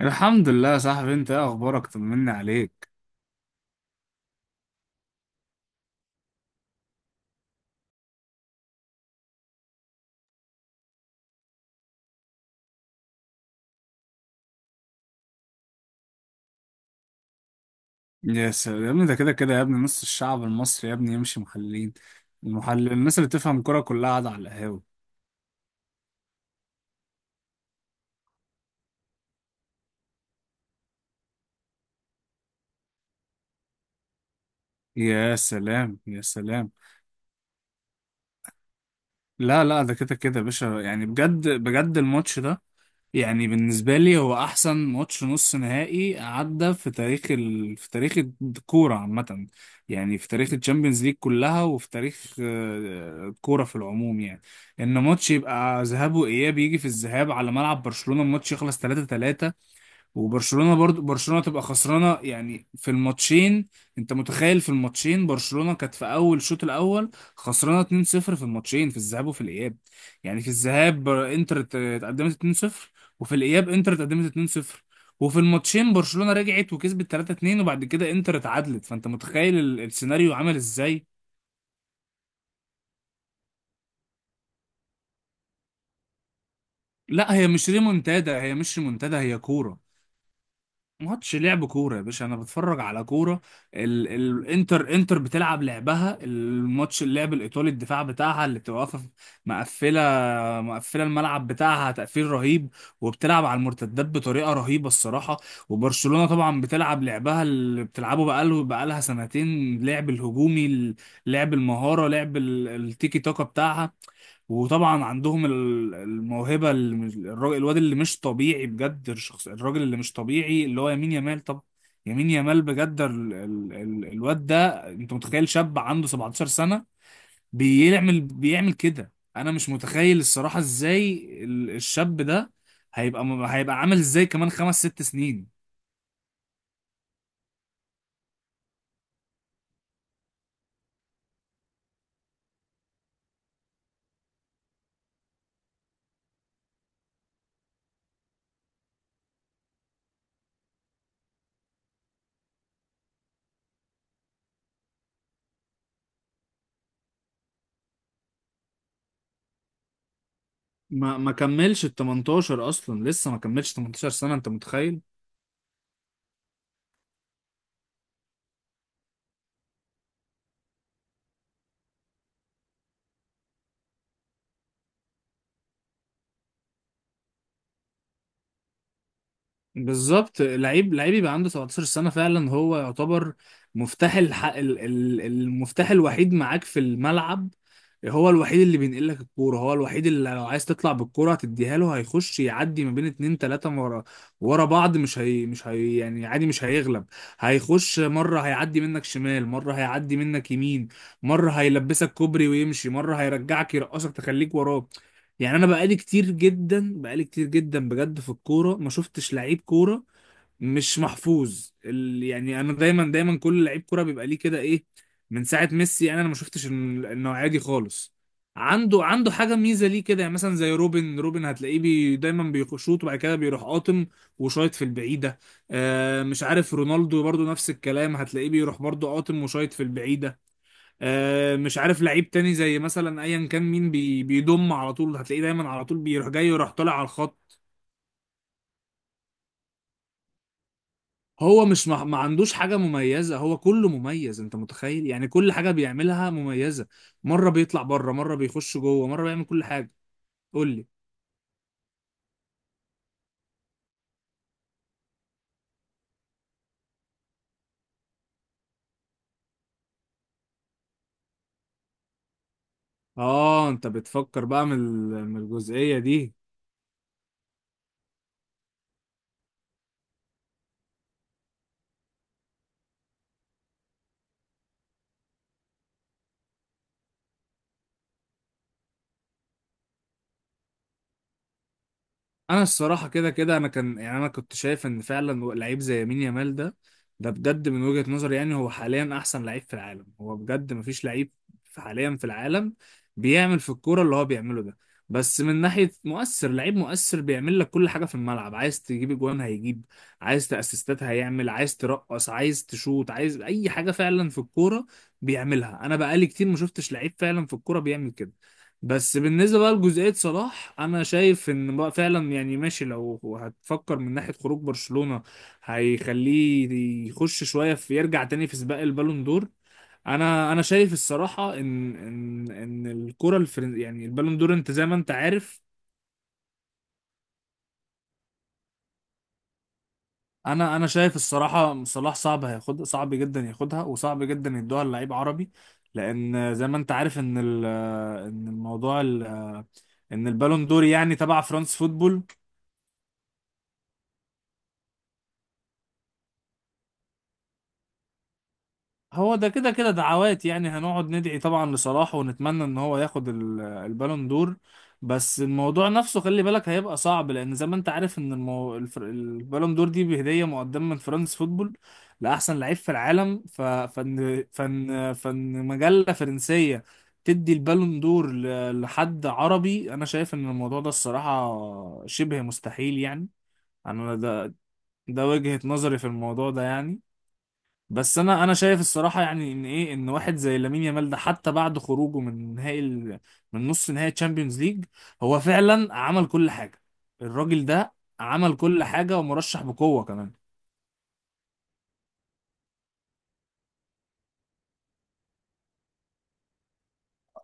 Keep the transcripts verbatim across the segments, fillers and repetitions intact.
الحمد لله يا صاحبي. انت ايه اخبارك؟ طمني عليك. يا سلام يا ابني، ده كده كده يا ابني نص الشعب المصري يا ابني يمشي محللين. المحلل الناس اللي تفهم كرة كلها قاعدة على القهاوي. يا سلام يا سلام. لا لا، ده كده كده يا باشا، يعني بجد بجد الماتش ده يعني بالنسبة لي هو أحسن ماتش نص نهائي عدى في تاريخ ال... في تاريخ الكورة عامة. يعني في تاريخ الشامبيونز ليج كلها وفي تاريخ آه، الكورة في العموم، يعني إن ماتش يبقى ذهاب وإياب، يجي في الذهاب على ملعب برشلونة الماتش يخلص تلاتة تلاتة، وبرشلونة برضو برشلونة تبقى خسرانة يعني في الماتشين. انت متخيل؟ في الماتشين برشلونة كانت في اول الشوط الاول خسرانة اتنين صفر في الماتشين، في الذهاب وفي الاياب. يعني في الذهاب بر- انتر ت- اتقدمت اتنين صفر، وفي الاياب انتر اتقدمت اتنين صفر، وفي الماتشين برشلونة رجعت وكسبت تلاتة اتنين، وبعد كده انتر اتعادلت. فانت متخيل ال- السيناريو عمل ازاي؟ لا، هي مش ريمونتادا، هي مش ريمونتادا، هي كورة. ماتش لعب كوره يا باشا، انا بتفرج على كوره. ال... الانتر انتر بتلعب لعبها، الماتش اللعب الايطالي، الدفاع بتاعها اللي بتبقى واقفه مقفله. مقفله الملعب بتاعها تقفيل رهيب، وبتلعب على المرتدات بطريقه رهيبه الصراحه. وبرشلونه طبعا بتلعب لعبها اللي بتلعبه بقاله بقالها سنتين، لعب الهجومي، لعب المهاره، لعب ال- التيكي تاكا بتاعها. وطبعا عندهم ال- الموهبة اللي مش- الراجل الواد اللي مش طبيعي بجد، الشخص الراجل اللي مش طبيعي اللي هو يمين يامال. طب يمين يامال بجد، ال- ال- ال- الواد ده انت متخيل؟ شاب عنده سبعة عشر سنة بيعمل بيعمل كده، انا مش متخيل الصراحة ازاي ال- الشاب ده هيبقى، م- هيبقى عامل ازاي كمان خمس ست سنين؟ ما ما كملش ال تمنتاشر اصلا، لسه ما كملش تمنتاشر سنة، انت متخيل؟ بالظبط، لعيب لعيب يبقى عنده سبعتاشر سنة فعلا هو يعتبر مفتاح الح... ال- ال- المفتاح الوحيد معاك في الملعب. هو الوحيد اللي بينقل لك الكورة، هو الوحيد اللي لو عايز تطلع بالكورة هتديها له، هيخش يعدي ما بين اتنين تلاتة ورا ورا بعض، مش هي مش هي يعني عادي، مش هيغلب. هيخش مرة هيعدي منك شمال، مرة هيعدي منك يمين، مرة هيلبسك كوبري ويمشي، مرة هيرجعك يرقصك تخليك وراك. يعني انا بقالي كتير جدا، بقالي كتير جدا بجد في الكوره ما شفتش لعيب كوره مش محفوظ. ال... يعني انا دايما دايما كل لعيب كوره بيبقى ليه كده ايه. من ساعه ميسي يعني انا ما شفتش الن- النوعيه دي خالص. عنده عنده حاجه ميزه ليه كده، يعني مثلا زي روبن روبن هتلاقيه بي... دايما بيشوط وبعد كده بيروح قاطم وشايط في البعيده. آه مش عارف، رونالدو برضو نفس الكلام هتلاقيه بيروح برضو قاطم وشايط في البعيده. آه، مش عارف، لعيب تاني زي مثلا ايا كان مين بي بيضم على طول هتلاقيه دايما على طول بيروح جاي ويروح طالع على الخط. هو مش ما, ما عندوش حاجة مميزة، هو كله مميز، انت متخيل؟ يعني كل حاجة بيعملها مميزة. مرة بيطلع بره، مرة بيخش جوه، مرة بيعمل كل حاجة. قول لي. اه، انت بتفكر بقى من ال- من الجزئية دي. انا الصراحه كده كده انا كان يعني انا كنت شايف ان فعلا لعيب زي يمين يامال ده، ده بجد من وجهه نظري يعني هو حاليا احسن لعيب في العالم، هو بجد مفيش لعيب في- حاليا في العالم بيعمل في الكوره اللي هو بيعمله ده. بس من ناحيه مؤثر، لعيب مؤثر بيعمل لك كل حاجه في الملعب، عايز تجيب اجوان هيجيب، عايز تاسيستات هيعمل، عايز ترقص، عايز تشوط، عايز اي حاجه فعلا في الكوره بيعملها. انا بقالي كتير ما شفتش لعيب فعلا في الكوره بيعمل كده. بس بالنسبة بقى لجزئية صلاح، أنا شايف إن بقى فعلا يعني ماشي، لو هتفكر من ناحية خروج برشلونة هيخليه يخش شوية في، يرجع تاني في سباق البالون دور. أنا أنا شايف الصراحة إن إن إن الكرة الفرن يعني البالون دور أنت زي ما أنت عارف. أنا أنا شايف الصراحة صلاح صعب هياخد، صعب جدا ياخدها، وصعب جدا يدوها للعيب عربي، لأن زي ما أنت عارف إن ال- إن الموضوع ال- إن البالون دور يعني تبع فرانس فوتبول. هو ده كده كده دعوات، يعني هنقعد ندعي طبعا لصلاح ونتمنى ان هو ياخد ال- البالون دور. بس الموضوع نفسه خلي بالك هيبقى صعب، لان زي ما انت عارف ان المو... الفر... البالون دور دي بهدية مقدمة من فرانس فوتبول لاحسن لعيب في العالم. ف... فن... فن... فن مجلة فرنسية تدي البالون دور ل... لحد عربي؟ انا شايف ان الموضوع ده الصراحة شبه مستحيل يعني. انا ده ده وجهة نظري في الموضوع ده يعني. بس انا انا شايف الصراحه يعني ان ايه، ان واحد زي لامين يامال ده حتى بعد خروجه من نهائي ال... من نص نهائي تشامبيونز ليج هو فعلا عمل كل حاجه. الراجل ده عمل كل حاجه ومرشح بقوه كمان.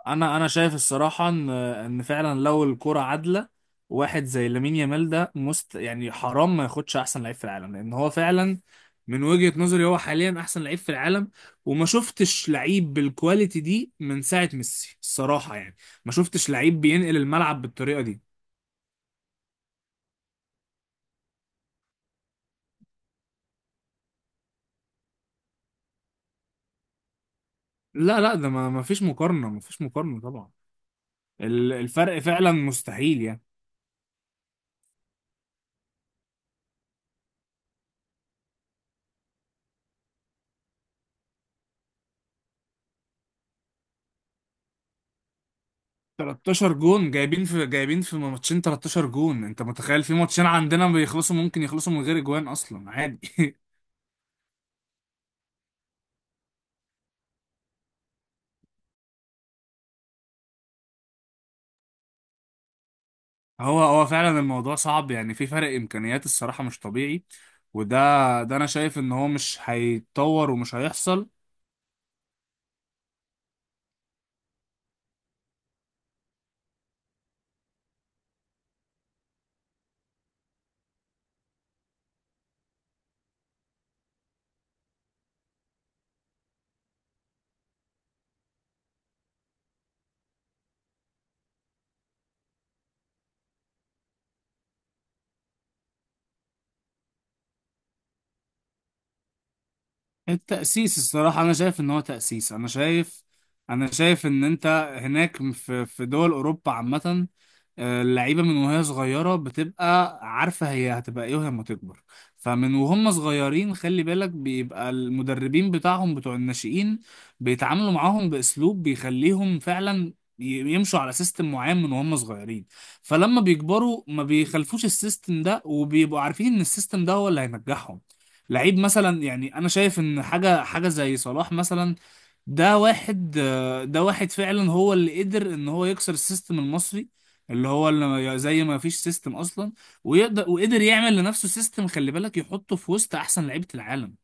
انا انا شايف الصراحه ان ان فعلا لو الكره عادله، واحد زي لامين يامال ده مست يعني حرام ما ياخدش احسن لعيب في العالم، لان هو فعلا من وجهه نظري هو حاليا احسن لعيب في العالم، وما شفتش لعيب بالكواليتي دي من ساعه ميسي الصراحه يعني، ما شفتش لعيب بينقل الملعب بالطريقه دي. لا لا، ده ما ما فيش مقارنه، ما فيش مقارنه طبعا، ال- الفرق فعلا مستحيل يعني. تلتاشر جون جايبين في جايبين في ماتشين، تلتاشر جون انت متخيل؟ في ماتشين عندنا بيخلصوا ممكن يخلصوا من غير اجوان اصلا عادي هو هو فعلا الموضوع صعب يعني، في فرق امكانيات الصراحة مش طبيعي. وده ده انا شايف ان هو مش هيتطور ومش هيحصل. التأسيس الصراحة أنا شايف إن هو تأسيس. أنا شايف أنا شايف إن أنت هناك في في دول أوروبا عامة، آه، اللعيبة من وهي صغيرة بتبقى عارفة هي هتبقى إيه وهي لما تكبر. فمن وهم صغيرين خلي بالك بيبقى المدربين بتاعهم بتوع الناشئين بيتعاملوا معاهم بأسلوب بيخليهم فعلا ي- يمشوا على سيستم معين من وهم صغيرين، فلما بيكبروا ما بيخلفوش السيستم ده، وبيبقوا عارفين إن السيستم ده هو اللي هينجحهم. لعيب مثلا، يعني انا شايف ان حاجه حاجه زي صلاح مثلا، ده واحد آه، ده واحد فعلا هو اللي قدر ان هو يكسر السيستم المصري اللي هو اللي ما- زي ما فيش سيستم اصلا، ويقدر وقدر يعمل لنفسه سيستم، خلي بالك يحطه في وسط احسن لعيبه العالم.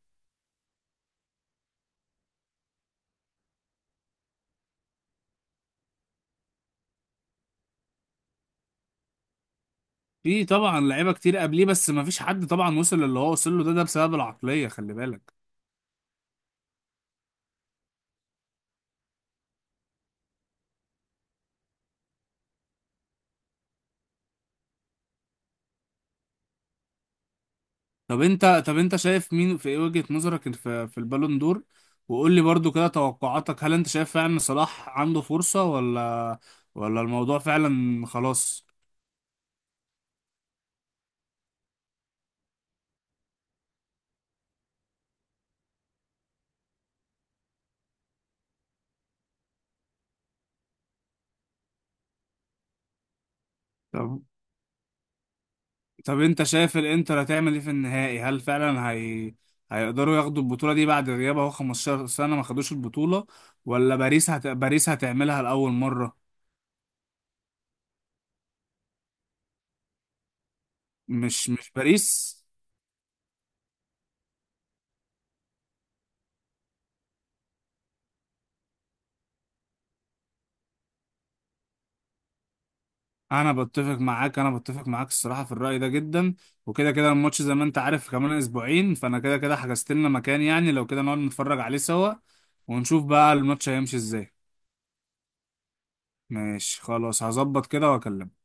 في طبعا لعيبه كتير قبليه، بس ما فيش حد طبعا وصل للي هو وصل له، ده ده بسبب العقليه خلي بالك. طب انت طب انت شايف مين في ايه وجهة نظرك في في البالون دور؟ وقول لي برضو كده توقعاتك، هل انت شايف فعلا صلاح عنده فرصة، ولا ولا الموضوع فعلا خلاص؟ طب طب انت شايف الانتر هتعمل ايه في النهائي؟ هل فعلا هي هيقدروا ياخدوا البطولة دي بعد غياب اهو خمسة عشر سنة ما خدوش البطولة؟ ولا باريس هت... باريس هتعملها لأول مرة؟ مش مش باريس. انا بتفق معاك، انا بتفق معاك الصراحه في الراي ده جدا. وكده كده الماتش زي ما انت عارف كمان اسبوعين، فانا كده كده حجزت لنا مكان، يعني لو كده نقعد نتفرج عليه سوا ونشوف بقى الماتش هيمشي ازاي. ماشي، خلاص هظبط كده واكلمك.